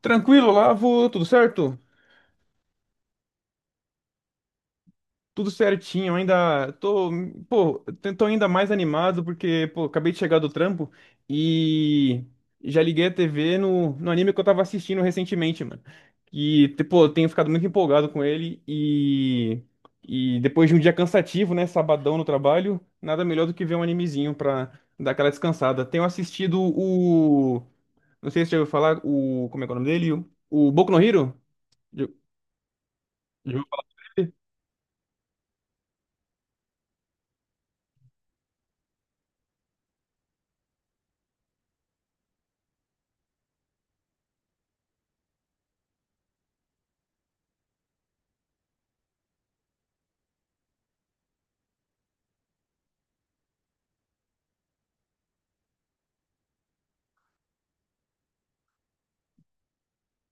Tranquilo, Lavo, tudo certo? Tudo certinho, pô, tô ainda mais animado porque, pô, acabei de chegar do trampo e já liguei a TV no anime que eu tava assistindo recentemente, mano. E, pô, eu tenho ficado muito empolgado com ele e depois de um dia cansativo, né, sabadão no trabalho, nada melhor do que ver um animezinho pra dar aquela descansada. Tenho assistido o, não sei se você já ouviu falar, o, como é que é o nome dele? O Boku no Hero? Já- já ouviu falar? Dele?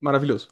Maravilhoso.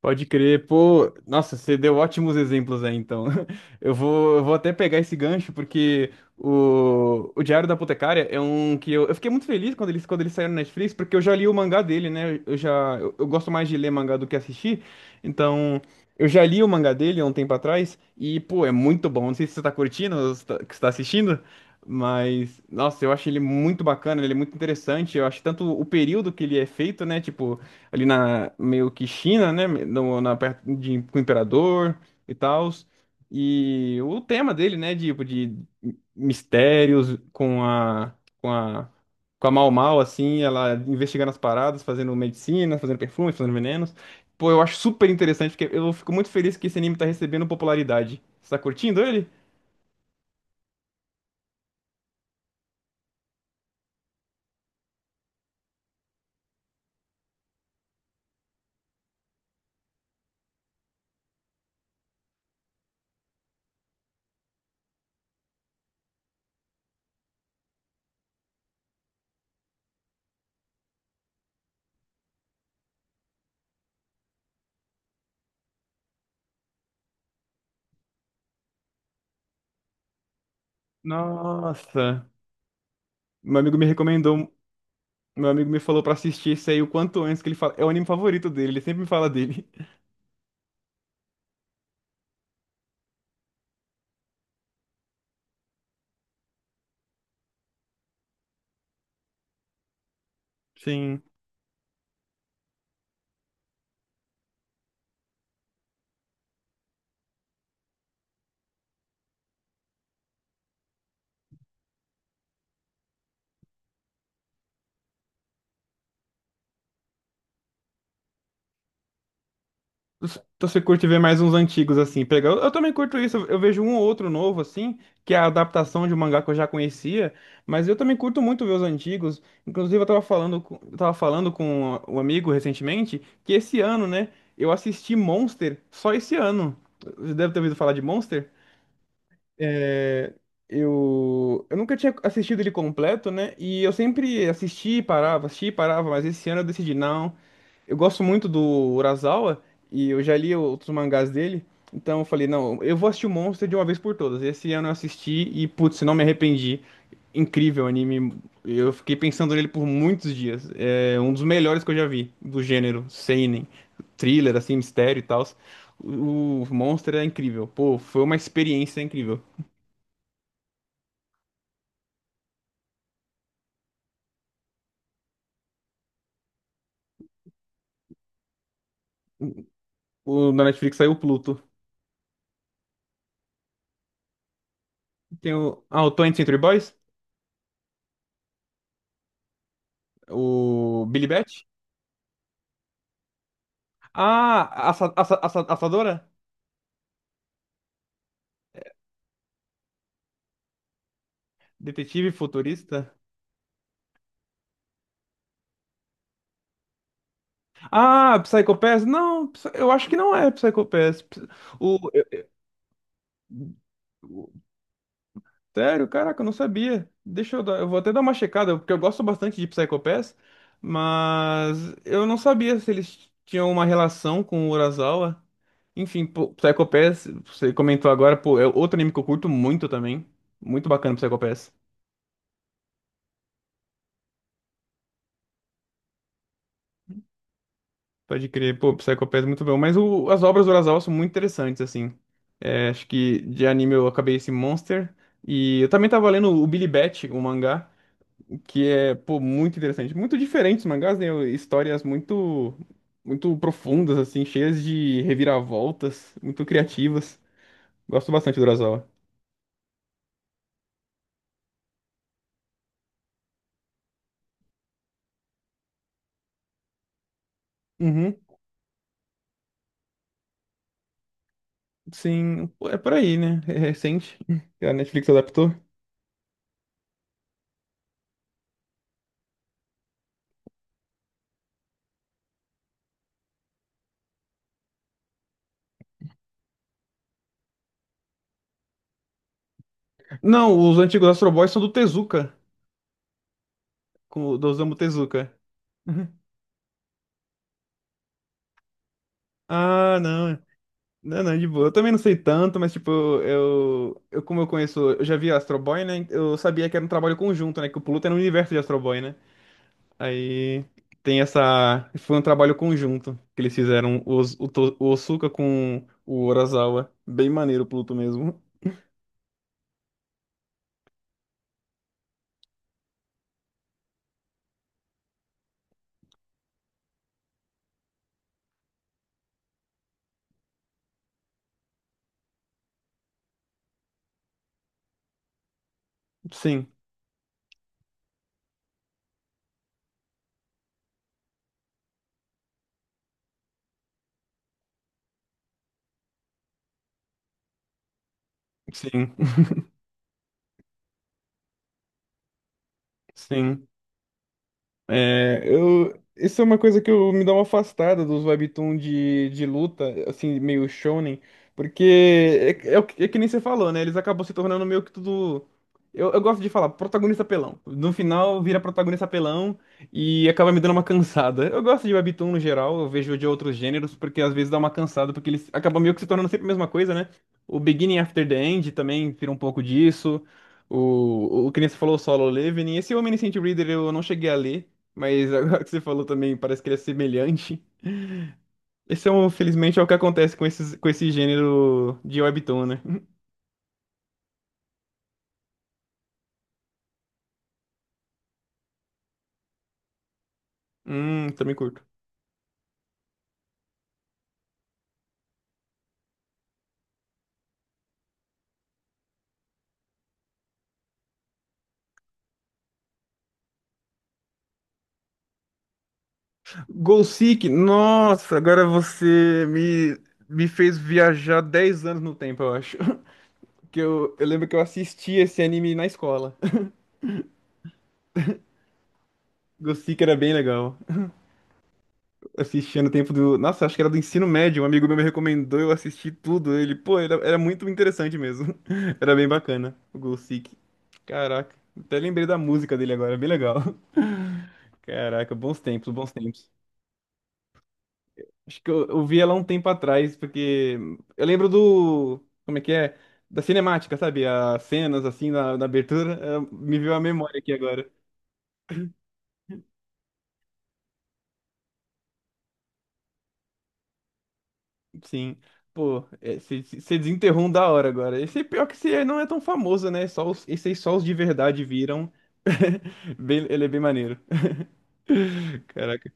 Pode crer, pô. Nossa, você deu ótimos exemplos aí, então. Eu vou até pegar esse gancho, porque o Diário da Apotecária é um que eu fiquei muito feliz quando eles saíram na Netflix, porque eu já li o mangá dele, né? Eu gosto mais de ler mangá do que assistir, então eu já li o mangá dele há um tempo atrás, e, pô, é muito bom. Não sei se você tá curtindo, ou se tá, que você tá assistindo, mas, nossa, eu acho ele muito bacana, ele é muito interessante. Eu acho tanto o período que ele é feito, né? Tipo ali na meio que China, né, no, na perto de com o imperador e tal. E o tema dele, né, tipo de mistérios com a com a com a Mau Mau assim, ela investigando as paradas, fazendo medicina, fazendo perfumes, fazendo venenos. Pô, eu acho super interessante, porque eu fico muito feliz que esse anime tá recebendo popularidade. Você tá curtindo ele? Nossa, meu amigo me recomendou, meu amigo me falou pra assistir isso aí o quanto antes que ele fala, é o anime favorito dele, ele sempre me fala dele. Sim. Então você curte ver mais uns antigos assim, pegar. Eu também curto isso, eu vejo um ou outro novo assim, que é a adaptação de um mangá que eu já conhecia, mas eu também curto muito ver os antigos. Inclusive eu tava falando com um amigo recentemente que esse ano, né, eu assisti Monster só esse ano. Você deve ter ouvido falar de Monster? É, eu nunca tinha assistido ele completo, né? E eu sempre assisti e parava, assistia e parava, mas esse ano eu decidi, não. Eu gosto muito do Urasawa e eu já li outros mangás dele, então eu falei, não, eu vou assistir o Monster de uma vez por todas. Esse ano eu assisti e, putz, não me arrependi. Incrível anime, eu fiquei pensando nele por muitos dias. É um dos melhores que eu já vi, do gênero seinen, thriller, assim, mistério e tal. O Monster é incrível, pô, foi uma experiência incrível. O, na Netflix saiu o Pluto. Tem o. Ah, o 20 Century Boys? O Billy Bat? Ah, assa, assa, assa- assadora? Detetive futurista? Ah, Psycho Pass? Não, eu acho que não é Psycho Pass. Ps- O, sério? Caraca, eu não sabia. Deixa eu dar, eu vou até dar uma checada, porque eu gosto bastante de Psycho Pass, mas eu não sabia se eles tinham uma relação com o Urasawa. Enfim, pô, Psycho Pass, você comentou agora, pô, é outro anime que eu curto muito também. Muito bacana, Psycho Pass. Pode crer, pô, Psycho Pass é muito bom. Mas o- as obras do Urasawa são muito interessantes, assim. É, acho que de anime eu acabei esse Monster. E eu também tava lendo o Billy Bat, o mangá. Que é, pô, muito interessante. Muito diferentes mangás, né? Histórias muito, muito profundas, assim, cheias de reviravoltas, muito criativas. Gosto bastante do Urasawa. Uhum, sim, pô, é por aí, né? É recente. A Netflix adaptou. Não, os antigos Astro Boys são do Tezuka, com, o- do Osamu Tezuka. Uhum. Ah, não. Não, não, de boa. Eu também não sei tanto, mas, tipo, eu, como eu conheço, eu já vi Astro Boy, né? Eu sabia que era um trabalho conjunto, né? Que o Pluto era um universo de Astro Boy, né? Aí tem essa. Foi um trabalho conjunto que eles fizeram o, Os- o, To- o Osuka com o Urasawa. Bem maneiro o Pluto mesmo. Sim, sim, sim. É, eu, isso é uma coisa que eu me dá uma afastada dos webtoon de luta, assim, meio shonen, porque o que é que nem você falou, né? Eles acabam se tornando meio que tudo. Eu gosto de falar, protagonista pelão. No final vira protagonista pelão e acaba me dando uma cansada. Eu gosto de webtoon no geral, eu vejo de outros gêneros, porque às vezes dá uma cansada, porque eles acabam meio que se tornando sempre a mesma coisa, né? O Beginning After the End também vira um pouco disso. O que nem você falou, o Solo Leveling. Esse Omniscient Reader eu não cheguei a ler. Mas agora que você falou também, parece que ele é semelhante. Esse é, um, felizmente, é o que acontece com esses, com esse gênero de webtoon, né? Também curto. Goal Seek, nossa, agora você me fez viajar 10 anos no tempo, eu acho. Que eu lembro que eu assisti esse anime na escola. Goal Seek era bem legal. Assistia no tempo do. Nossa, acho que era do ensino médio. Um amigo meu me recomendou, eu assisti tudo. Ele, pô, era, era muito interessante mesmo. Era bem bacana, o Gol Seek. Caraca, até lembrei da música dele agora, bem legal. Caraca, bons tempos, bons tempos. Acho que eu vi ela um tempo atrás, porque eu lembro do. Como é que é? Da cinemática, sabe? As cenas assim na abertura. Me veio a memória aqui agora. Sim. Pô, você desenterrou um da hora agora. Esse é pior que esse aí não é tão famoso, né? Só os, esse aí só os de verdade viram. Bem- ele é bem maneiro. Caraca.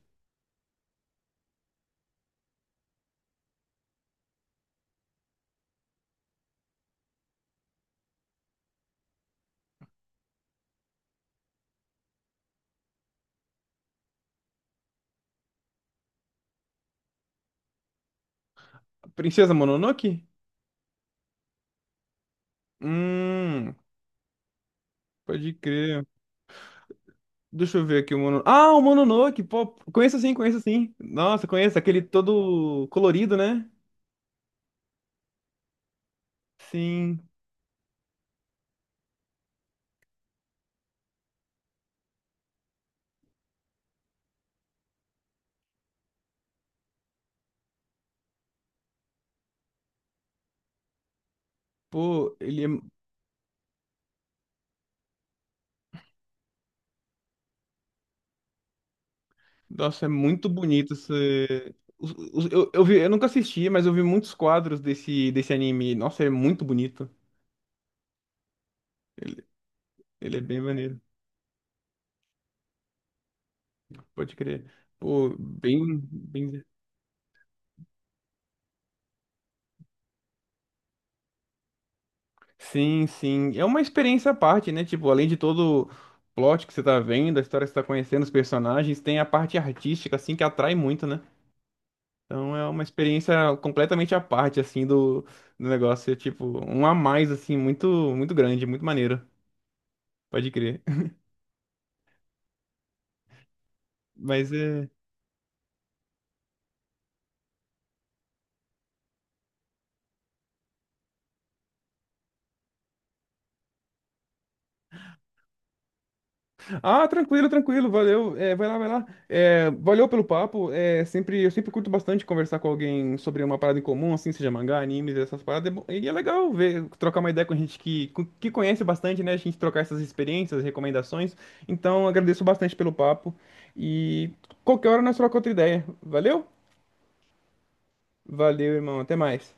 Princesa Mononoke? Hum, pode crer. Deixa eu ver aqui o Mononoke. Ah, o Mononoke! Pô, conheço sim, conheço sim. Nossa, conheço. Aquele todo colorido, né? Sim. Pô, ele é. Nossa, é muito bonito esse... eu vi, eu nunca assisti, mas eu vi muitos quadros desse anime. Nossa, é muito bonito. Ele, ele é bem maneiro, pode crer. Pô, bem, bem... Sim, sim. É uma experiência à parte, né? Tipo, além de todo o plot que você tá vendo, a história que você tá conhecendo, os personagens, tem a parte artística, assim, que atrai muito, né? Então é uma experiência completamente à parte, assim, do, do negócio. É tipo, um a mais, assim, muito, muito grande, muito maneiro. Pode crer. Mas é. Ah, tranquilo, tranquilo, valeu. É, vai lá, vai lá. É, valeu pelo papo. É, sempre, eu sempre curto bastante conversar com alguém sobre uma parada em comum, assim, seja mangá, animes, essas paradas. É bom- e é legal ver, trocar uma ideia com gente que, que conhece bastante, né? A gente trocar essas experiências, recomendações. Então, agradeço bastante pelo papo. E qualquer hora nós trocamos outra ideia. Valeu? Valeu, irmão. Até mais.